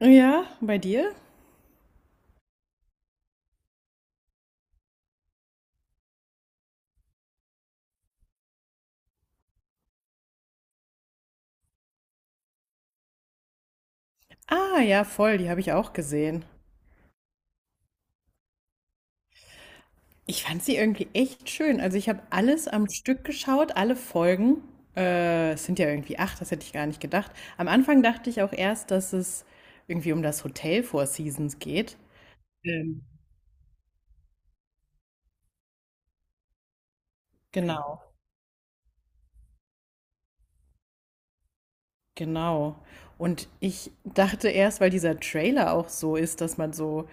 Ja, bei dir? Ah, ja, voll, die habe ich auch gesehen. Ich fand sie irgendwie echt schön. Also ich habe alles am Stück geschaut, alle Folgen. Es sind ja irgendwie acht, das hätte ich gar nicht gedacht. Am Anfang dachte ich auch erst, dass es irgendwie um das Hotel Four Seasons geht. Ähm, genau, genau. Und ich dachte erst, weil dieser Trailer auch so ist, dass man so,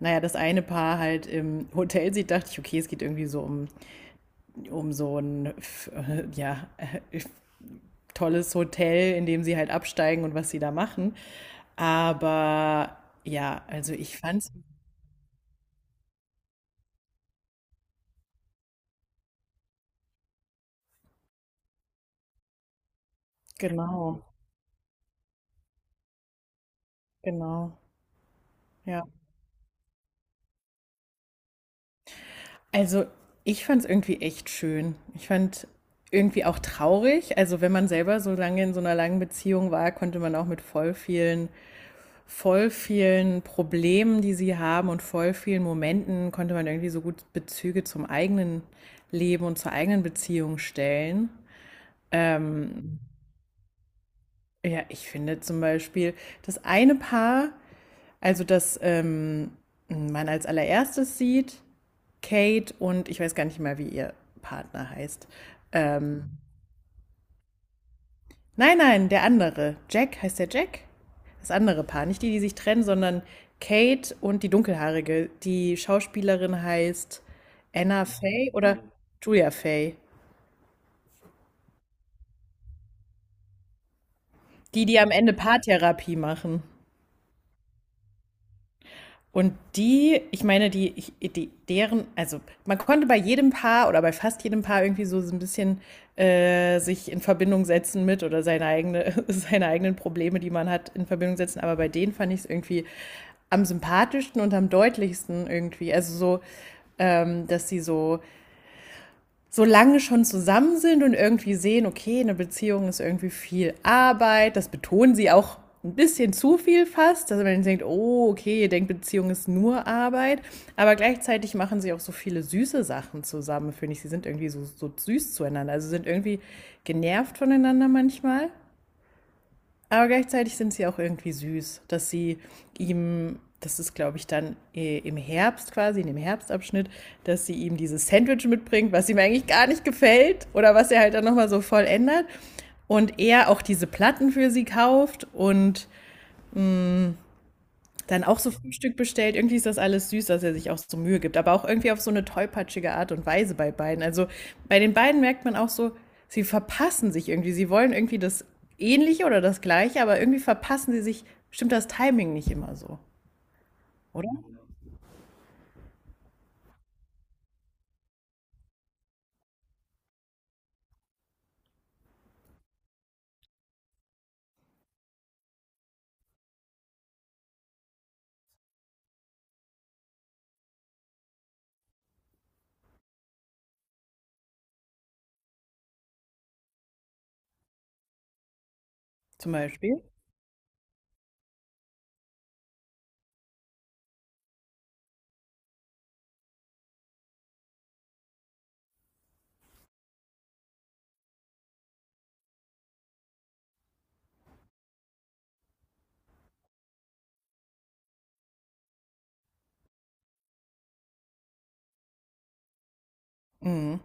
naja, das eine Paar halt im Hotel sieht, dachte ich, okay, es geht irgendwie so um, ja, äh, tolles Hotel, in dem sie halt absteigen und was sie da machen. Aber ja, also ich fand's genau, genau, ja. Also ich fand's irgendwie echt schön. Ich fand irgendwie auch traurig. Also wenn man selber so lange in so einer langen Beziehung war, konnte man auch mit voll vielen Problemen, die sie haben und voll vielen Momenten, konnte man irgendwie so gut Bezüge zum eigenen Leben und zur eigenen Beziehung stellen. Ähm, Ja, ich finde zum Beispiel das eine Paar, also das man als allererstes sieht, Kate, und ich weiß gar nicht mal, wie ihr Partner heißt. Ähm, nein, nein, der andere. Jack, heißt der Jack? Das andere Paar, nicht die, die sich trennen, sondern Kate und die Dunkelhaarige. Die Schauspielerin heißt Anna Faye oder Julia Faye. Die, die am Ende Paartherapie machen. Und die, ich meine, deren, also man konnte bei jedem Paar oder bei fast jedem Paar irgendwie so ein bisschen sich in Verbindung setzen mit oder seine eigene, seine eigenen Probleme, die man hat, in Verbindung setzen. Aber bei denen fand ich es irgendwie am sympathischsten und am deutlichsten irgendwie. Also so, dass sie so solange schon zusammen sind und irgendwie sehen, okay, eine Beziehung ist irgendwie viel Arbeit, das betonen sie auch ein bisschen zu viel fast, dass man denkt, oh, okay, ihr denkt, Beziehung ist nur Arbeit, aber gleichzeitig machen sie auch so viele süße Sachen zusammen, finde ich. Sie sind irgendwie so süß zueinander, also sind irgendwie genervt voneinander manchmal. Aber gleichzeitig sind sie auch irgendwie süß, dass sie ihm, das ist glaube ich dann im Herbst quasi, in dem Herbstabschnitt, dass sie ihm dieses Sandwich mitbringt, was ihm eigentlich gar nicht gefällt oder was er halt dann nochmal so voll ändert. Und er auch diese Platten für sie kauft und dann auch so Frühstück bestellt. Irgendwie ist das alles süß, dass er sich auch so Mühe gibt. Aber auch irgendwie auf so eine tollpatschige Art und Weise bei beiden. Also bei den beiden merkt man auch so, sie verpassen sich irgendwie. Sie wollen irgendwie das Ähnliche oder das Gleiche, aber irgendwie verpassen sie sich. Stimmt das Timing nicht immer so, oder? Zum Beispiel. Mhm.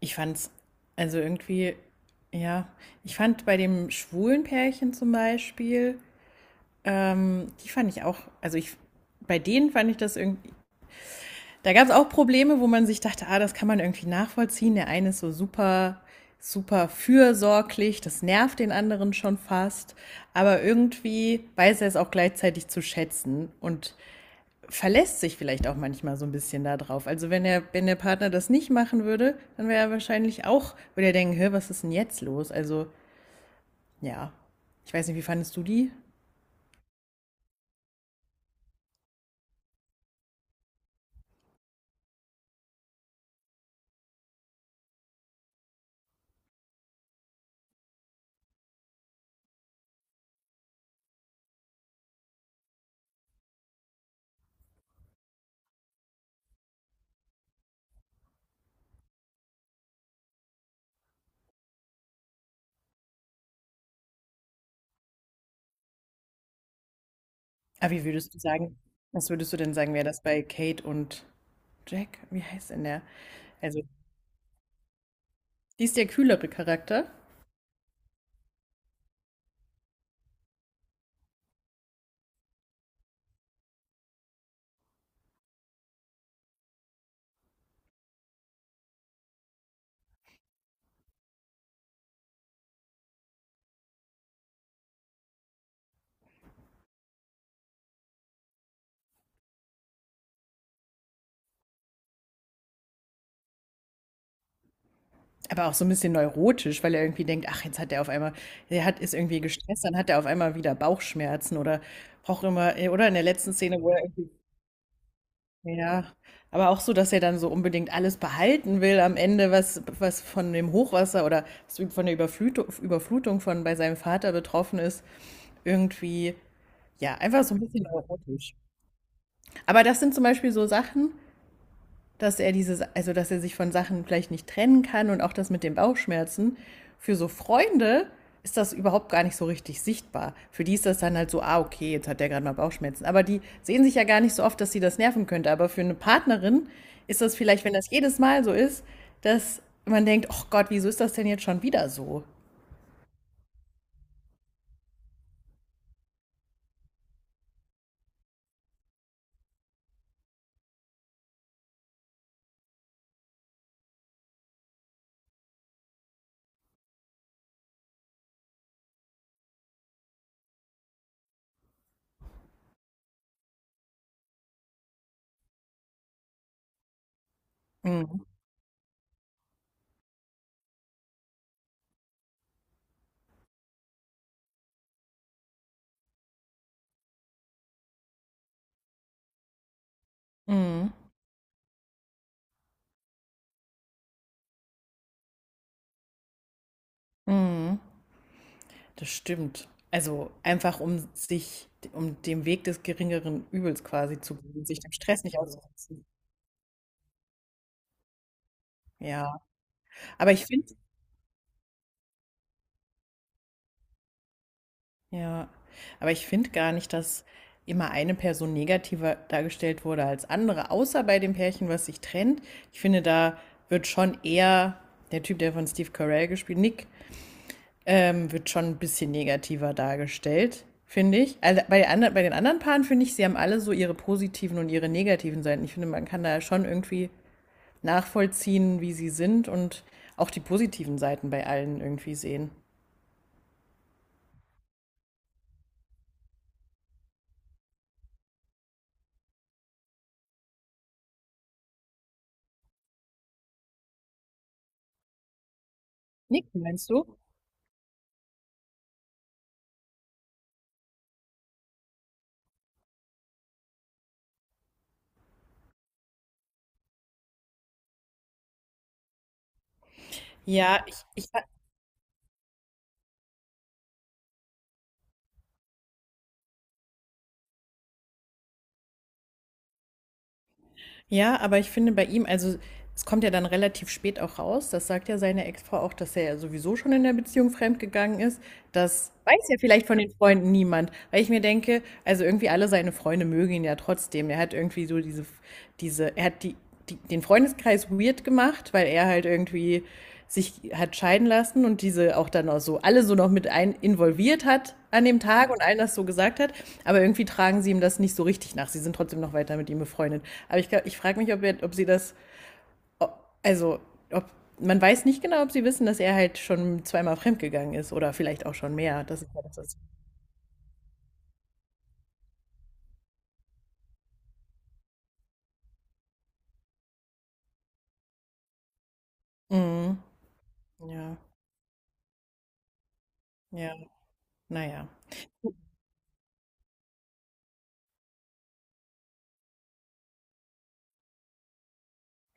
Ich fand's, also irgendwie, ja, ich fand bei dem schwulen Pärchen zum Beispiel, die fand ich auch, also ich, bei denen fand ich das irgendwie, da gab es auch Probleme, wo man sich dachte, ah, das kann man irgendwie nachvollziehen. Der eine ist so super fürsorglich, das nervt den anderen schon fast. Aber irgendwie weiß er es auch gleichzeitig zu schätzen und verlässt sich vielleicht auch manchmal so ein bisschen da drauf. Also wenn er, wenn der Partner das nicht machen würde, dann wäre er wahrscheinlich auch, würde er denken, hör, was ist denn jetzt los? Also, ja, ich weiß nicht, wie fandest du die? Aber wie würdest du sagen, was würdest du denn sagen, wäre das bei Kate und Jack? Wie heißt denn der? Also die ist der kühlere Charakter, aber auch so ein bisschen neurotisch, weil er irgendwie denkt, ach, jetzt hat er auf einmal, er hat, ist irgendwie gestresst, dann hat er auf einmal wieder Bauchschmerzen oder braucht immer, oder in der letzten Szene, wo er irgendwie, ja, aber auch so, dass er dann so unbedingt alles behalten will am Ende, was, was von dem Hochwasser oder was von der Überflutung von bei seinem Vater betroffen ist, irgendwie, ja, einfach so ein bisschen neurotisch. Aber das sind zum Beispiel so Sachen, dass er dieses, also dass er sich von Sachen vielleicht nicht trennen kann und auch das mit den Bauchschmerzen. Für so Freunde ist das überhaupt gar nicht so richtig sichtbar. Für die ist das dann halt so, ah, okay, jetzt hat der gerade mal Bauchschmerzen. Aber die sehen sich ja gar nicht so oft, dass sie das nerven könnte. Aber für eine Partnerin ist das vielleicht, wenn das jedes Mal so ist, dass man denkt, oh Gott, wieso ist das denn jetzt schon wieder so? Mhm. Mhm. Das stimmt. Also einfach um sich, um dem Weg des geringeren Übels quasi zu gehen, sich dem Stress nicht auszusetzen. Ja. Aber ich finde, ja, aber ich finde gar nicht, dass immer eine Person negativer dargestellt wurde als andere, außer bei dem Pärchen, was sich trennt. Ich finde, da wird schon eher der Typ, der von Steve Carell gespielt, Nick, wird schon ein bisschen negativer dargestellt, finde ich. Also bei den anderen Paaren finde ich, sie haben alle so ihre positiven und ihre negativen Seiten. Ich finde, man kann da schon irgendwie nachvollziehen, wie sie sind und auch die positiven Seiten bei allen irgendwie sehen. Nick, meinst du? Ja, ich Ja, aber ich finde bei ihm, also es kommt ja dann relativ spät auch raus, das sagt ja seine Ex-Frau auch, dass er ja sowieso schon in der Beziehung fremdgegangen ist. Das weiß ja vielleicht von den Freunden niemand, weil ich mir denke, also irgendwie alle seine Freunde mögen ihn ja trotzdem. Er hat irgendwie so er hat den Freundeskreis weird gemacht, weil er halt irgendwie sich hat scheiden lassen und diese auch dann auch so alle so noch mit ein involviert hat an dem Tag und allen das so gesagt hat. Aber irgendwie tragen sie ihm das nicht so richtig nach. Sie sind trotzdem noch weiter mit ihm befreundet. Aber ich frage mich, ob, er, ob sie das, ob- also ob man weiß nicht genau, ob sie wissen, dass er halt schon zweimal fremdgegangen ist oder vielleicht auch schon mehr. Das ist ja das. Was, mhm. Ja, ja, naja,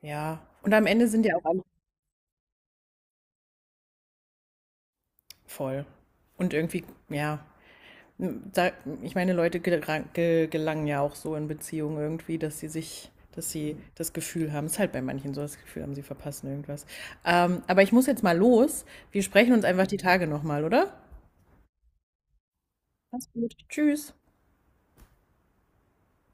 ja. Und am Ende sind ja auch alle voll. Und irgendwie, ja, da, ich meine, gelangen ja auch so in Beziehungen irgendwie, dass sie sich, dass sie das Gefühl haben, es ist halt bei manchen so, das Gefühl haben, sie verpassen irgendwas. Aber ich muss jetzt mal los. Wir sprechen uns einfach die Tage nochmal, oder? Mach's gut. Tschüss.